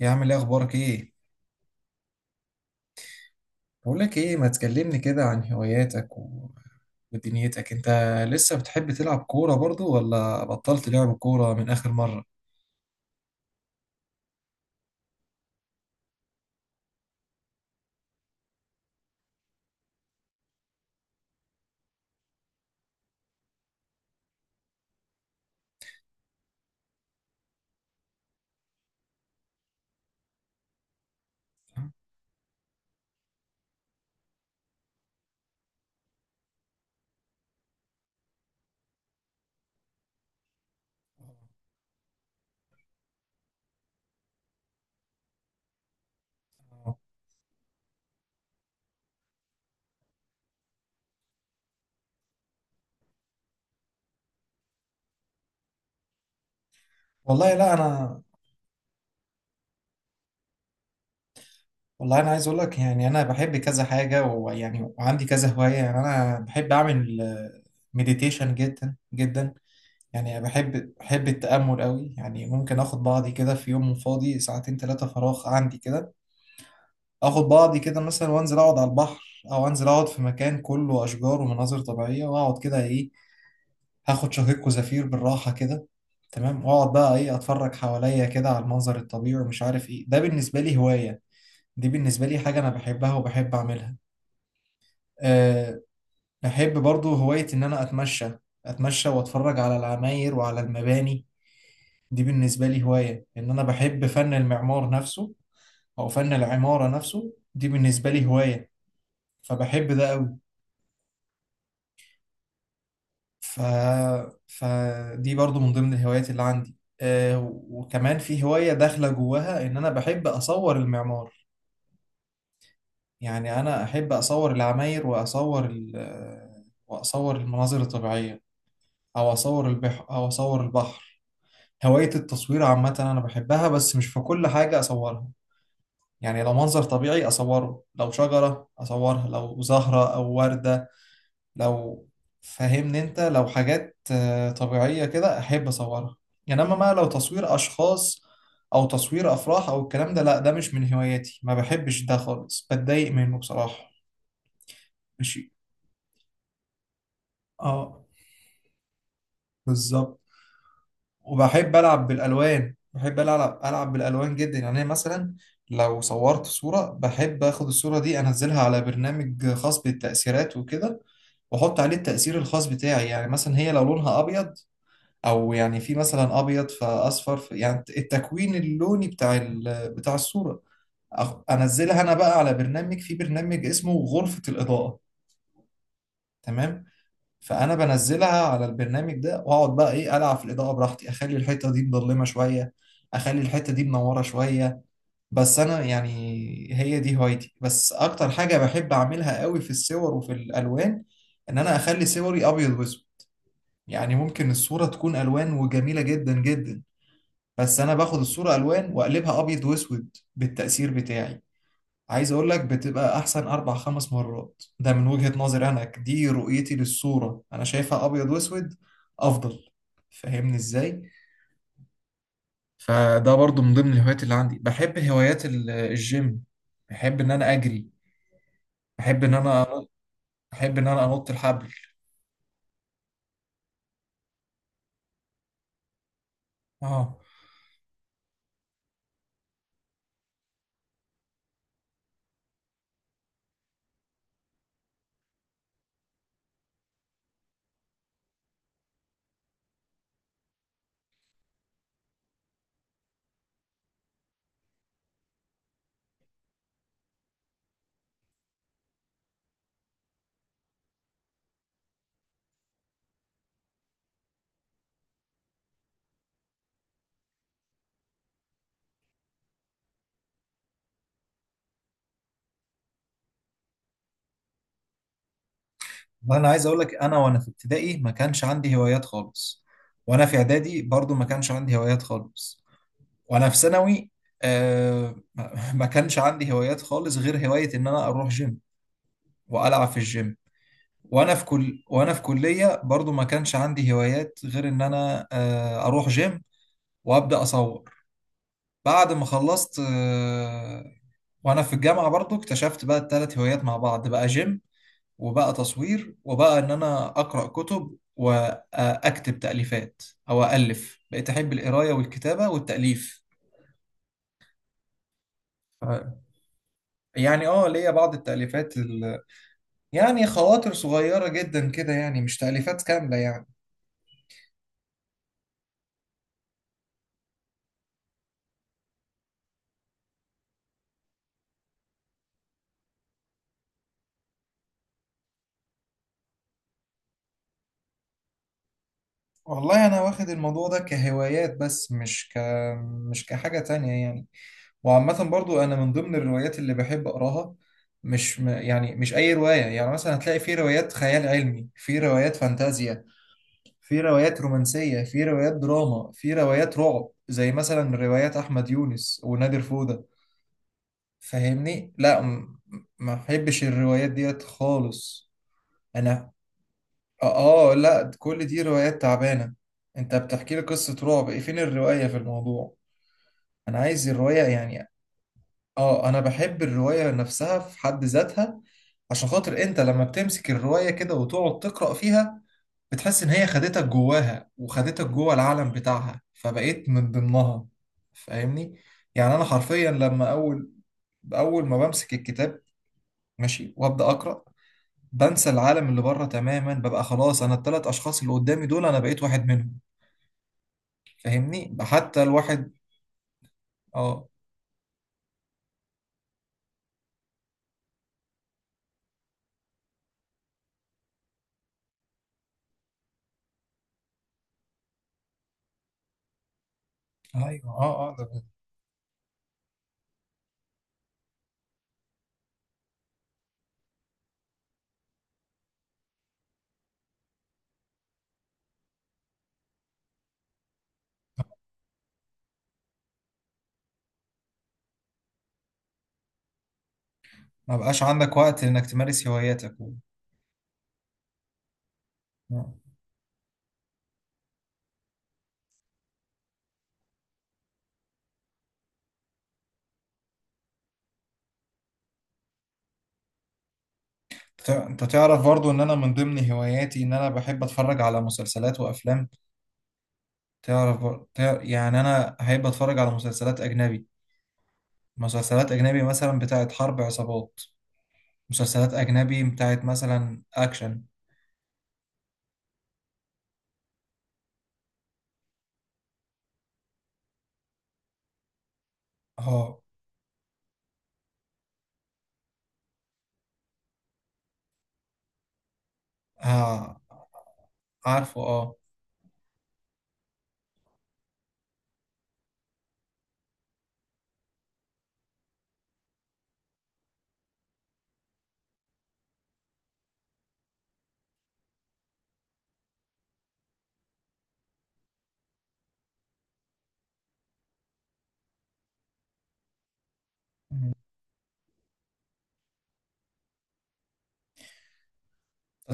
يا عم، ايه اخبارك؟ ايه، بقول لك ايه، ما تكلمني كده عن هواياتك ودنيتك انت؟ لسه بتحب تلعب كورة برضو، ولا بطلت لعب كورة من اخر مرة؟ والله لا انا. والله انا عايز اقول لك، يعني انا بحب كذا حاجه، ويعني وعندي كذا هوايه، يعني انا بحب اعمل مديتيشن جدا جدا. يعني بحب التامل قوي، يعني ممكن اخد بعضي كده في يوم فاضي ساعتين ثلاثه فراغ عندي كده. اخد بعضي كده مثلا وانزل اقعد على البحر، او انزل اقعد في مكان كله اشجار ومناظر طبيعيه، واقعد كده ايه، هاخد شهيق وزفير بالراحه كده. تمام، واقعد بقى ايه اتفرج حواليا كده على المنظر الطبيعي ومش عارف ايه. ده بالنسبه لي هوايه، دي بالنسبه لي حاجه انا بحبها وبحب اعملها. أه. بحب برضو هوايه ان انا اتمشى واتفرج على العماير وعلى المباني. دي بالنسبه لي هوايه، ان انا بحب فن المعمار نفسه، او فن العماره نفسه. دي بالنسبه لي هوايه، فبحب ده. ف... فدي برضو من ضمن الهوايات اللي عندي. وكمان في هواية داخلة جواها، إن أنا بحب أصور المعمار. يعني أنا أحب أصور العماير وأصور ال... آه، وأصور المناظر الطبيعية، أو أصور البحر أو أصور البحر. هواية التصوير عامة أنا بحبها، بس مش في كل حاجة أصورها. يعني لو منظر طبيعي أصوره، لو شجرة أصورها، لو زهرة أو وردة، لو فاهمني انت، لو حاجات طبيعية كده احب اصورها. انما بقى لو تصوير اشخاص او تصوير افراح او الكلام ده، لا، ده مش من هواياتي، ما بحبش ده خالص، بتضايق منه بصراحة. ماشي. اه، بالظبط. وبحب العب بالالوان، بحب العب بالالوان جدا. يعني أنا مثلا لو صورت صورة، بحب اخد الصورة دي انزلها على برنامج خاص بالتأثيرات وكده، واحط عليه التأثير الخاص بتاعي. يعني مثلا هي لو لونها ابيض، او يعني في مثلا ابيض فاصفر، يعني التكوين اللوني بتاع بتاع الصوره. انزلها انا بقى على برنامج، في برنامج اسمه غرفه الاضاءه. تمام. فانا بنزلها على البرنامج ده، واقعد بقى ايه العب في الاضاءه براحتي، اخلي الحته دي مظلمه شويه، اخلي الحته دي منوره شويه. بس انا يعني هي دي هوايتي. بس اكتر حاجه بحب اعملها قوي في الصور وفي الالوان، ان انا اخلي صوري ابيض واسود. يعني ممكن الصوره تكون الوان وجميله جدا جدا، بس انا باخد الصورة الوان واقلبها ابيض واسود بالتأثير بتاعي. عايز اقول لك، بتبقى احسن اربع خمس مرات. ده من وجهة نظري انا، دي رؤيتي للصورة، انا شايفها ابيض واسود افضل. فاهمني ازاي؟ فده برضو من ضمن الهوايات اللي عندي. بحب هوايات الجيم، بحب ان انا اجري، بحب ان انا بحب ان انا انط الحبل. اه، وانا عايز اقول لك، انا وانا في ابتدائي ما كانش عندي هوايات خالص، وانا في اعدادي برضو ما كانش عندي هوايات خالص، وانا في ثانوي ما كانش عندي هوايات خالص غير هواية ان انا اروح جيم والعب في الجيم. وانا في كلية برضو ما كانش عندي هوايات غير ان انا اروح جيم وابدا اصور. بعد ما خلصت، وانا في الجامعة برضو اكتشفت بقى الثلاث هوايات مع بعض، بقى جيم، وبقى تصوير، وبقى ان انا اقرأ كتب واكتب تأليفات، او الف. بقيت احب القراية والكتابة والتأليف. يعني اه، ليا بعض التأليفات. يعني خواطر صغيرة جدا كده، يعني مش تأليفات كاملة يعني. والله أنا واخد الموضوع ده كهوايات، بس مش كحاجة تانية يعني. وعامة برضو، أنا من ضمن الروايات اللي بحب أقراها، مش م... يعني مش أي رواية. يعني مثلا هتلاقي في روايات خيال علمي، في روايات فانتازيا، في روايات رومانسية، في روايات دراما، في روايات رعب، زي مثلا روايات أحمد يونس ونادر فودة. فاهمني، لا، ما بحبش الروايات ديت خالص. انا لا، كل دي روايات تعبانه. انت بتحكي لي قصه رعب، ايه فين الروايه في الموضوع؟ انا عايز الروايه يعني. اه، انا بحب الروايه نفسها في حد ذاتها، عشان خاطر انت لما بتمسك الروايه كده وتقعد تقرا فيها، بتحس ان هي خدتك جواها وخدتك جوه العالم بتاعها فبقيت من ضمنها. فاهمني. يعني انا حرفيا لما اول، اول ما بمسك الكتاب ماشي وابدا اقرا، بنسى العالم اللي بره تماما، ببقى خلاص انا الثلاث اشخاص اللي قدامي دول انا بقيت واحد منهم. فاهمني. حتى الواحد. اه، ايوه، اه، اه. ده ما بقاش عندك وقت انك تمارس هواياتك آه. انت تعرف برضو ان انا من ضمن هواياتي ان انا بحب اتفرج على مسلسلات وافلام. تعرف يعني انا احب اتفرج على مسلسلات اجنبي. مسلسلات اجنبي مثلا بتاعت حرب عصابات، مسلسلات اجنبي بتاعت مثلا اكشن. اه، آه، عارفه، اه.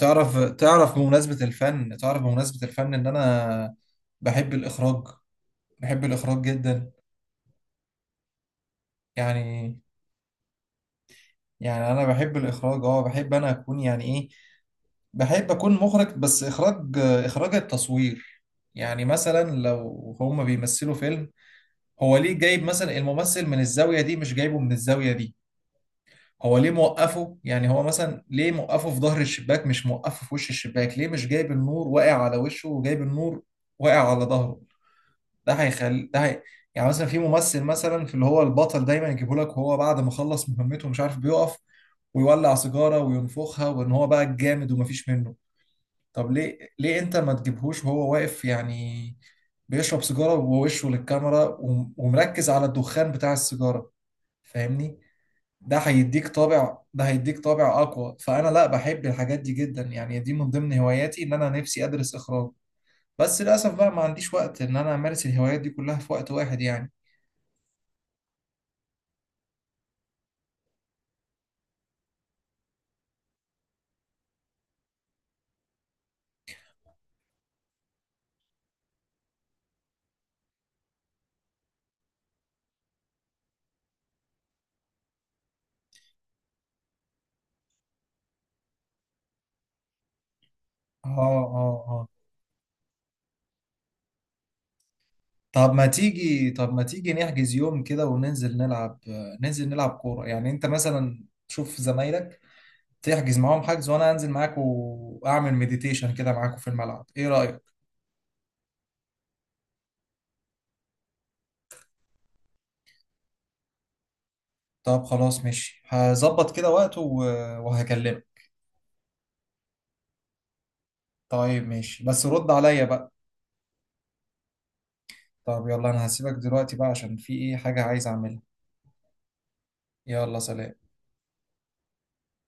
تعرف بمناسبة الفن، إن أنا بحب الإخراج، بحب الإخراج جدا. يعني يعني أنا بحب الإخراج. أه، بحب أنا أكون يعني إيه، بحب أكون مخرج، بس إخراج، إخراج التصوير. يعني مثلا لو هما بيمثلوا فيلم، هو ليه جايب مثلا الممثل من الزاوية دي مش جايبه من الزاوية دي؟ هو ليه موقفه، يعني هو مثلا ليه موقفه في ظهر الشباك مش موقفه في وش الشباك؟ ليه مش جايب النور واقع على وشه وجايب النور واقع على ظهره؟ ده هيخل ده هي... يعني مثلا في ممثل مثلا، في اللي هو البطل دايما يجيبه لك وهو بعد ما خلص مهمته مش عارف، بيقف ويولع سيجارة وينفخها، وان هو بقى الجامد ومفيش منه. طب ليه؟ ليه انت ما تجيبهوش وهو واقف يعني بيشرب سيجارة ووشه للكاميرا ومركز على الدخان بتاع السيجارة؟ فاهمني. ده هيديك طابع، ده هيديك طابع اقوى. فانا لا، بحب الحاجات دي جدا، يعني دي من ضمن هواياتي ان انا نفسي ادرس اخراج، بس للاسف بقى ما عنديش وقت ان انا امارس الهوايات دي كلها في وقت واحد يعني. اه، اه، اه. طب ما تيجي نحجز يوم كده وننزل نلعب، ننزل نلعب كورة. يعني انت مثلا تشوف زمايلك، تحجز معاهم حجز، وانا انزل معاك واعمل مديتيشن كده معاكوا في الملعب، ايه رأيك؟ طب خلاص ماشي، هظبط كده وقت وهكلمك. طيب ماشي، بس رد عليا بقى. طب يلا، انا هسيبك دلوقتي بقى عشان في ايه حاجة عايز اعملها. يلا سلام.